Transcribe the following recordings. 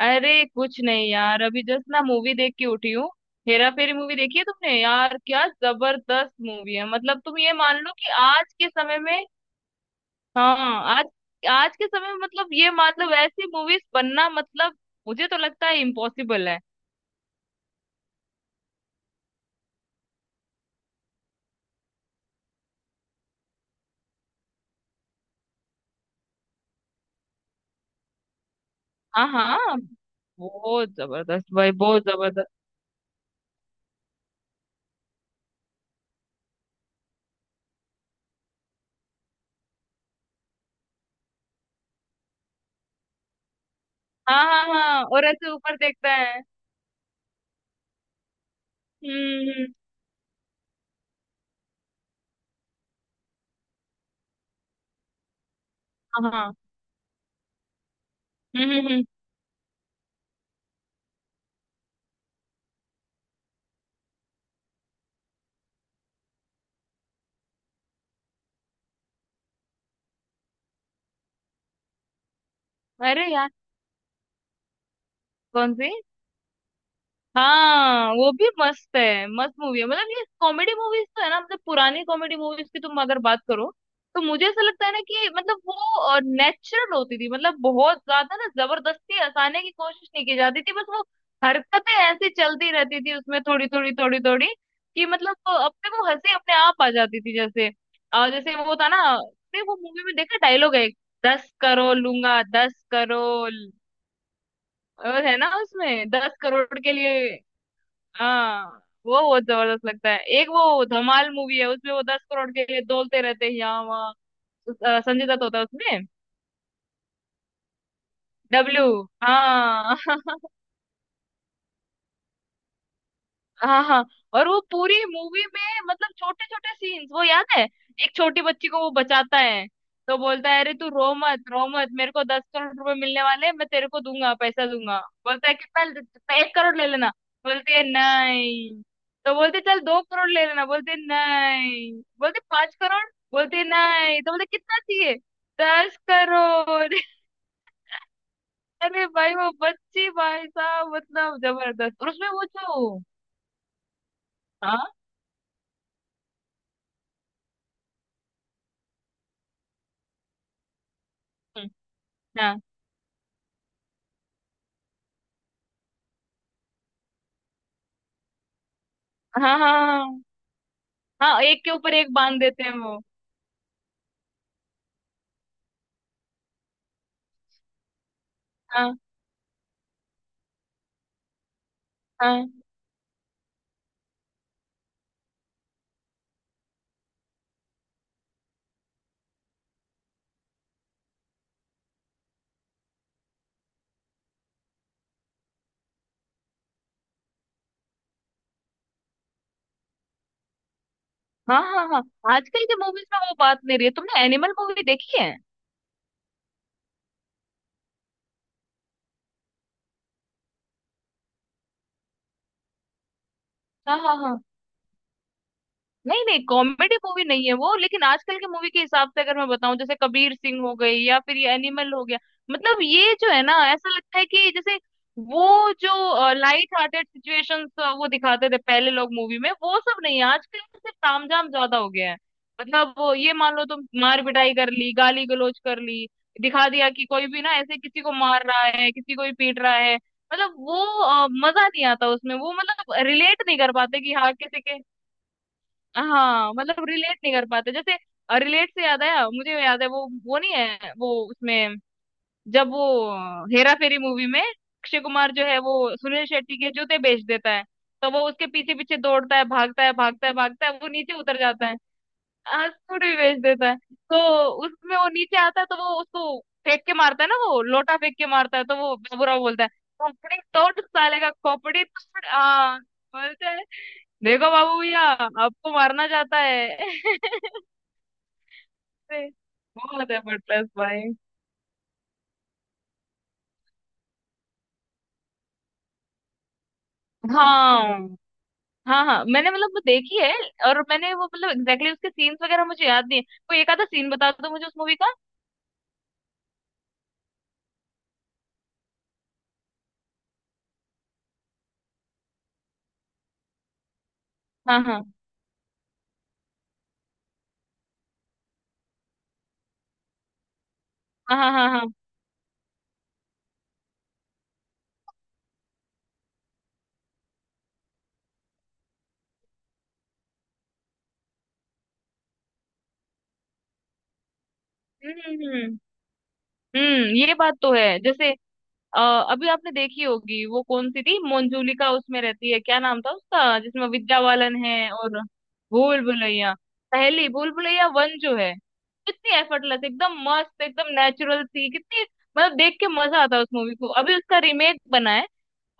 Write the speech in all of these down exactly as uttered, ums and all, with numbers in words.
अरे कुछ नहीं यार, अभी जस्ट ना मूवी देख के उठी हूँ। हेरा फेरी मूवी देखी है तुमने यार? क्या जबरदस्त मूवी है। मतलब तुम ये मान लो कि आज के समय में, हाँ, आज, आज के समय में मतलब ये मान लो ऐसी मूवीज बनना, मतलब मुझे तो लगता है इम्पॉसिबल है। हाँ हाँ। बहुत जबरदस्त भाई, बहुत जबरदस्त। हाँ हाँ हाँ, और ऐसे ऊपर देखता है। हम्म, हम्म। हाँ हाँ। हम्म हम्म हम्म। अरे यार, कौन सी? हाँ वो भी मस्त है, मस्त मूवी है। मतलब ये कॉमेडी मूवीज तो है ना, मतलब पुरानी कॉमेडी मूवीज की तुम अगर बात करो, तो मुझे ऐसा लगता है ना कि मतलब वो नेचुरल होती थी। मतलब बहुत ज्यादा ना जबरदस्ती हंसाने की कोशिश नहीं की जाती थी, बस वो हरकतें ऐसी चलती रहती थी उसमें थोड़ी थोड़ी थोड़ी थोड़ी कि मतलब वो अपने वो हंसी अपने आप आ जाती थी जैसे। और जैसे वो था ना, अरे वो मूवी में देखा डायलॉग है एक, दस करोड़ लूंगा, दस करोड़। और है ना उसमें दस करोड़ के लिए, हाँ, वो बहुत जबरदस्त लगता है। एक वो धमाल मूवी है, उसमें वो दस करोड़ के लिए डोलते रहते हैं यहाँ वहाँ। उस- अ, संजय दत्त होता है उसमें। डब्लू। हाँ। हाँ हाँ। और वो पूरी मूवी में मतलब छोटे छोटे सीन्स, वो याद है, एक छोटी बच्ची को वो बचाता है, तो बोलता है अरे तू रो मत रो मत, मेरे को दस करोड़ रुपए मिलने वाले हैं, मैं तेरे को दूंगा, पैसा दूंगा। बोलता है कितना? एक करोड़ ले लेना। बोलती है नहीं। तो बोलते चल दो करोड़ ले लेना, बोलते नहीं। बोलते पांच करोड़। बोलते नहीं, तो बोलते कितना चाहिए? दस करोड़। अरे भाई वो बच्ची भाई साहब, मतलब जबरदस्त। और उसमें वो जो, हाँ। हम्म, हाँ। हाँ हाँ हाँ हाँ। हाँ, एक के ऊपर एक बांध देते हैं वो। हाँ हाँ हाँ हाँ हाँ। आजकल के मूवीज में वो बात नहीं रही है। तुमने एनिमल मूवी देखी है? हाँ हाँ हाँ। नहीं नहीं, कॉमेडी मूवी नहीं है वो, लेकिन आजकल की मूवी के हिसाब से अगर मैं बताऊं जैसे कबीर सिंह हो गई या फिर ये एनिमल हो गया, मतलब ये जो है ना ऐसा लगता है कि जैसे वो जो लाइट हार्टेड सिचुएशंस वो दिखाते थे पहले लोग मूवी में, वो सब नहीं है आजकल। तो सिर्फ तामझाम ज्यादा हो गया है। मतलब वो ये मान लो, तुम मार पिटाई कर ली, गाली गलौज कर ली, दिखा दिया कि कोई भी ना ऐसे किसी को मार रहा है, किसी को भी पीट रहा है। मतलब वो अ, मजा नहीं आता उसमें वो, मतलब रिलेट नहीं कर पाते कि हाँ किसी के, हाँ मतलब रिलेट नहीं कर पाते जैसे। रिलेट से याद आया, मुझे याद है वो वो नहीं है, वो उसमें जब वो हेरा फेरी मूवी में अक्षय कुमार जो है वो सुनील शेट्टी के जूते बेच देता है, तो वो उसके पीछे पीछे दौड़ता है, भागता है भागता है भागता है, वो नीचे उतर जाता है। हाँ सूट भी बेच देता है। तो उसमें वो नीचे आता है, तो वो उसको फेंक के मारता है ना, वो लोटा फेंक के मारता है, तो वो बाबूराव बोलता है खोपड़ी तोड़ साले का, खोपड़ी तोड़ आ, बोलता है देखो बाबू भैया आपको मारना चाहता है। से- बहुत है बटलर्स भाई। हाँ हाँ हाँ, मैंने मतलब वो देखी है, और मैंने वो मतलब एग्जैक्टली exactly उसके सीन्स वगैरह मुझे याद नहीं है, कोई एक आधा सीन बता दो मुझे उस मूवी का। हाँ हाँ हाँ हाँ हाँ हाँ। हम्म हम्म हम्म हम्म, ये बात तो है जैसे। अ, अभी आपने देखी होगी वो कौन सी थी, मंजुलिका उसमें रहती है, क्या नाम था उसका जिसमें विद्या बालन है और, भूल भुलैया, पहली भूल भुलैया वन जो है, कितनी एफर्टलेस, एकदम मस्त, एकदम नेचुरल थी कितनी, मतलब देख के मजा आता है उस मूवी को। अभी उसका रीमेक बना है,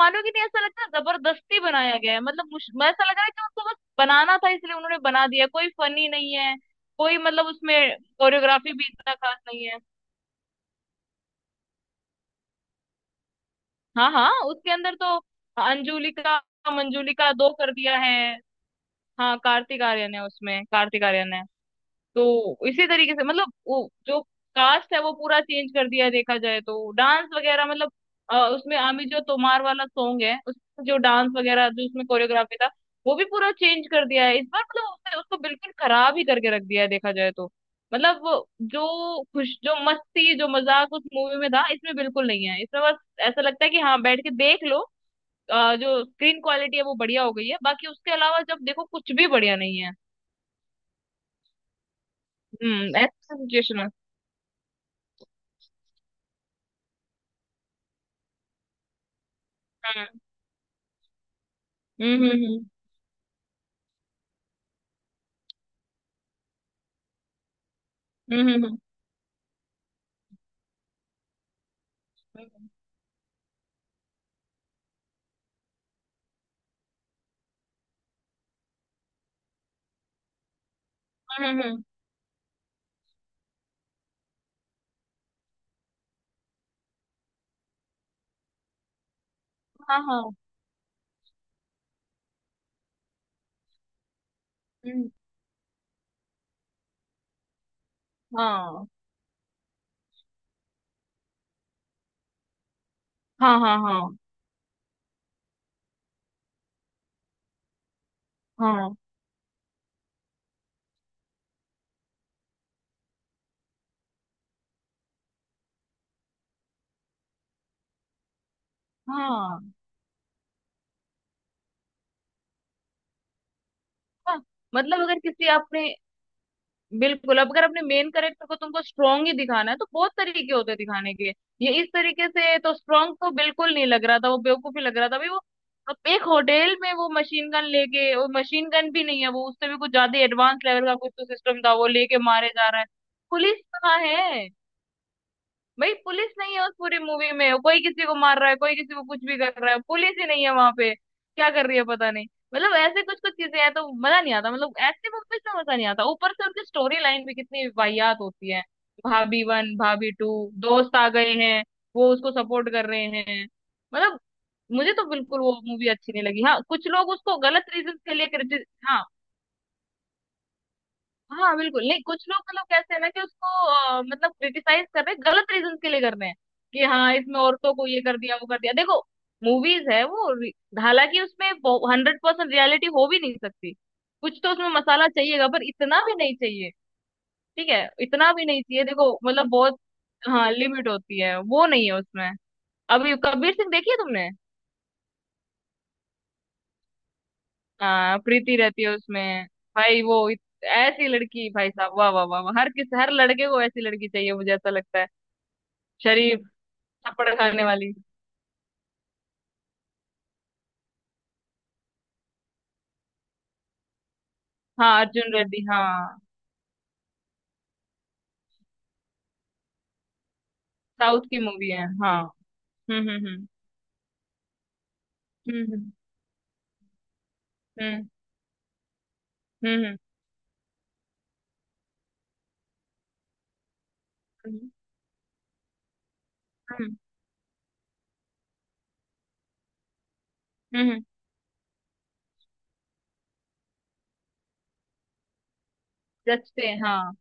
मानोगे नहीं, ऐसा लगता है जबरदस्ती बनाया गया है। मतलब मुश- मैं ऐसा लग रहा है कि उनको बस बनाना था इसलिए उन्होंने बना दिया, कोई फनी नहीं है, कोई मतलब उसमें कोरियोग्राफी भी इतना खास नहीं है। हाँ हाँ, उसके अंदर तो अंजुलिका, मंजुलिका दो कर दिया है। हाँ कार्तिक आर्यन है उसमें, कार्तिक आर्यन है। तो इसी तरीके से मतलब वो जो कास्ट है वो पूरा चेंज कर दिया देखा जाए तो। डांस वगैरह मतलब अ, उसमें आमी जो तोमार वाला सॉन्ग है, उसमें जो डांस वगैरह जो उसमें कोरियोग्राफी था, वो भी पूरा चेंज कर दिया है इस बार। मतलब उसने उसको बिल्कुल खराब ही करके रख दिया है देखा जाए तो। मतलब वो जो खुश जो मस्ती जो मजाक उस मूवी में था इसमें बिल्कुल नहीं है। इसमें बस ऐसा लगता है कि हाँ बैठ के देख लो। अ, जो स्क्रीन क्वालिटी है वो बढ़िया हो गई है, बाकी उसके अलावा जब देखो कुछ भी बढ़िया नहीं है। हम्म, ऐसा सिचुएशन है। हम्म हम्म हम्म हम्म हम्म हम्म हम्म, हम्म, हाँ हाँ। हम्म, हाँ हाँ हाँ हाँ हाँ हाँ। हाँ मतलब अगर किसी आपने, बिल्कुल, अब अगर अपने मेन करेक्टर को तुमको स्ट्रांग ही दिखाना है तो बहुत तरीके होते हैं दिखाने के। ये इस तरीके से तो स्ट्रांग तो बिल्कुल नहीं लग रहा था, वो बेवकूफ ही लग रहा था भाई वो। अब एक होटल में वो मशीन गन लेके, वो मशीन गन भी नहीं है वो, उससे भी कुछ ज्यादा एडवांस लेवल का कुछ तो सिस्टम था वो लेके मारे जा रहा है। पुलिस कहाँ है? भाई पुलिस नहीं है उस पूरी मूवी में, कोई किसी को मार रहा है, कोई किसी को कुछ भी कर रहा है, पुलिस ही नहीं है वहां पे, क्या कर रही है पता नहीं। मतलब ऐसे कुछ कुछ चीजें हैं, तो मजा नहीं आता, मतलब ऐसे मूवीज में मजा नहीं आता। ऊपर से उनकी स्टोरी लाइन भी कितनी वाहियात होती है। भाभी वन, भाभी टू, दोस्त आ गए हैं, वो उसको सपोर्ट कर रहे हैं, मतलब मुझे तो बिल्कुल वो मूवी अच्छी नहीं लगी। हाँ कुछ लोग उसको गलत रीजन के लिए क्रिटिस, हाँ। हाँ बिल्कुल नहीं, कुछ लोग मतलब कैसे है ना कि उसको अ, मतलब क्रिटिसाइज कर रहे हैं, गलत रीजन के लिए कर रहे हैं, कि हाँ इसमें औरतों को ये कर दिया वो कर दिया देखो। मूवीज है वो रि- हालांकि उसमें हंड्रेड परसेंट रियलिटी हो भी नहीं सकती, कुछ तो उसमें मसाला चाहिएगा, पर इतना भी नहीं चाहिए। ठीक है, इतना भी नहीं चाहिए देखो, मतलब बहुत। हाँ लिमिट होती है, वो नहीं है उसमें। अभी कबीर सिंह देखी है तुमने? हाँ, प्रीति रहती है उसमें। भाई वो इत- ऐसी लड़की भाई साहब, वाह वाह वाह वाह, हर किस हर लड़के को ऐसी लड़की चाहिए, मुझे ऐसा लगता है। शरीफ, थप्पड़ खाने वाली। हाँ अर्जुन रेड्डी हाँ। साउथ की मूवी है हाँ। हम्म हम्म। हम्म हम्म हम्म हम्म हम्म हम्म हम्म, हम्म, हम्म, जचते हैं हाँ।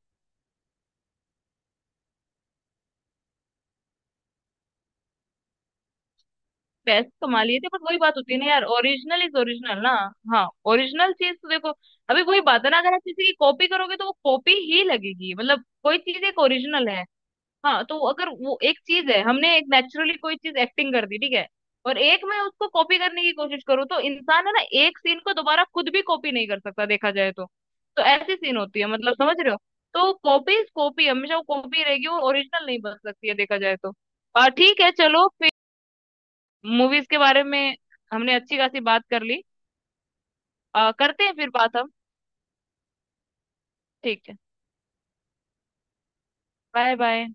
पैसे तो कमा लिए थे, बट वही बात होती है ना यार, ओरिजिनल इज ओरिजिनल ना। हाँ, ओरिजिनल चीज तो देखो, अभी वही बात है ना, अगर आप किसी की कॉपी करोगे तो वो कॉपी ही लगेगी। मतलब कोई चीज एक ओरिजिनल है, हाँ, तो अगर वो एक चीज है हमने एक नेचुरली कोई चीज एक्टिंग कर दी ठीक है, और एक मैं उसको कॉपी करने की कोशिश करूँ, तो इंसान है ना, एक सीन को दोबारा खुद भी कॉपी नहीं कर सकता देखा जाए तो। तो ऐसी सीन होती है, मतलब समझ रहे हो? तो कॉपी कॉपी हमेशा वो कॉपी रहेगी, वो ओरिजिनल नहीं बन सकती है देखा जाए तो। आ, ठीक है चलो फिर, मूवीज के बारे में हमने अच्छी खासी बात कर ली। आ, करते हैं फिर बात हम। ठीक है। Bye bye.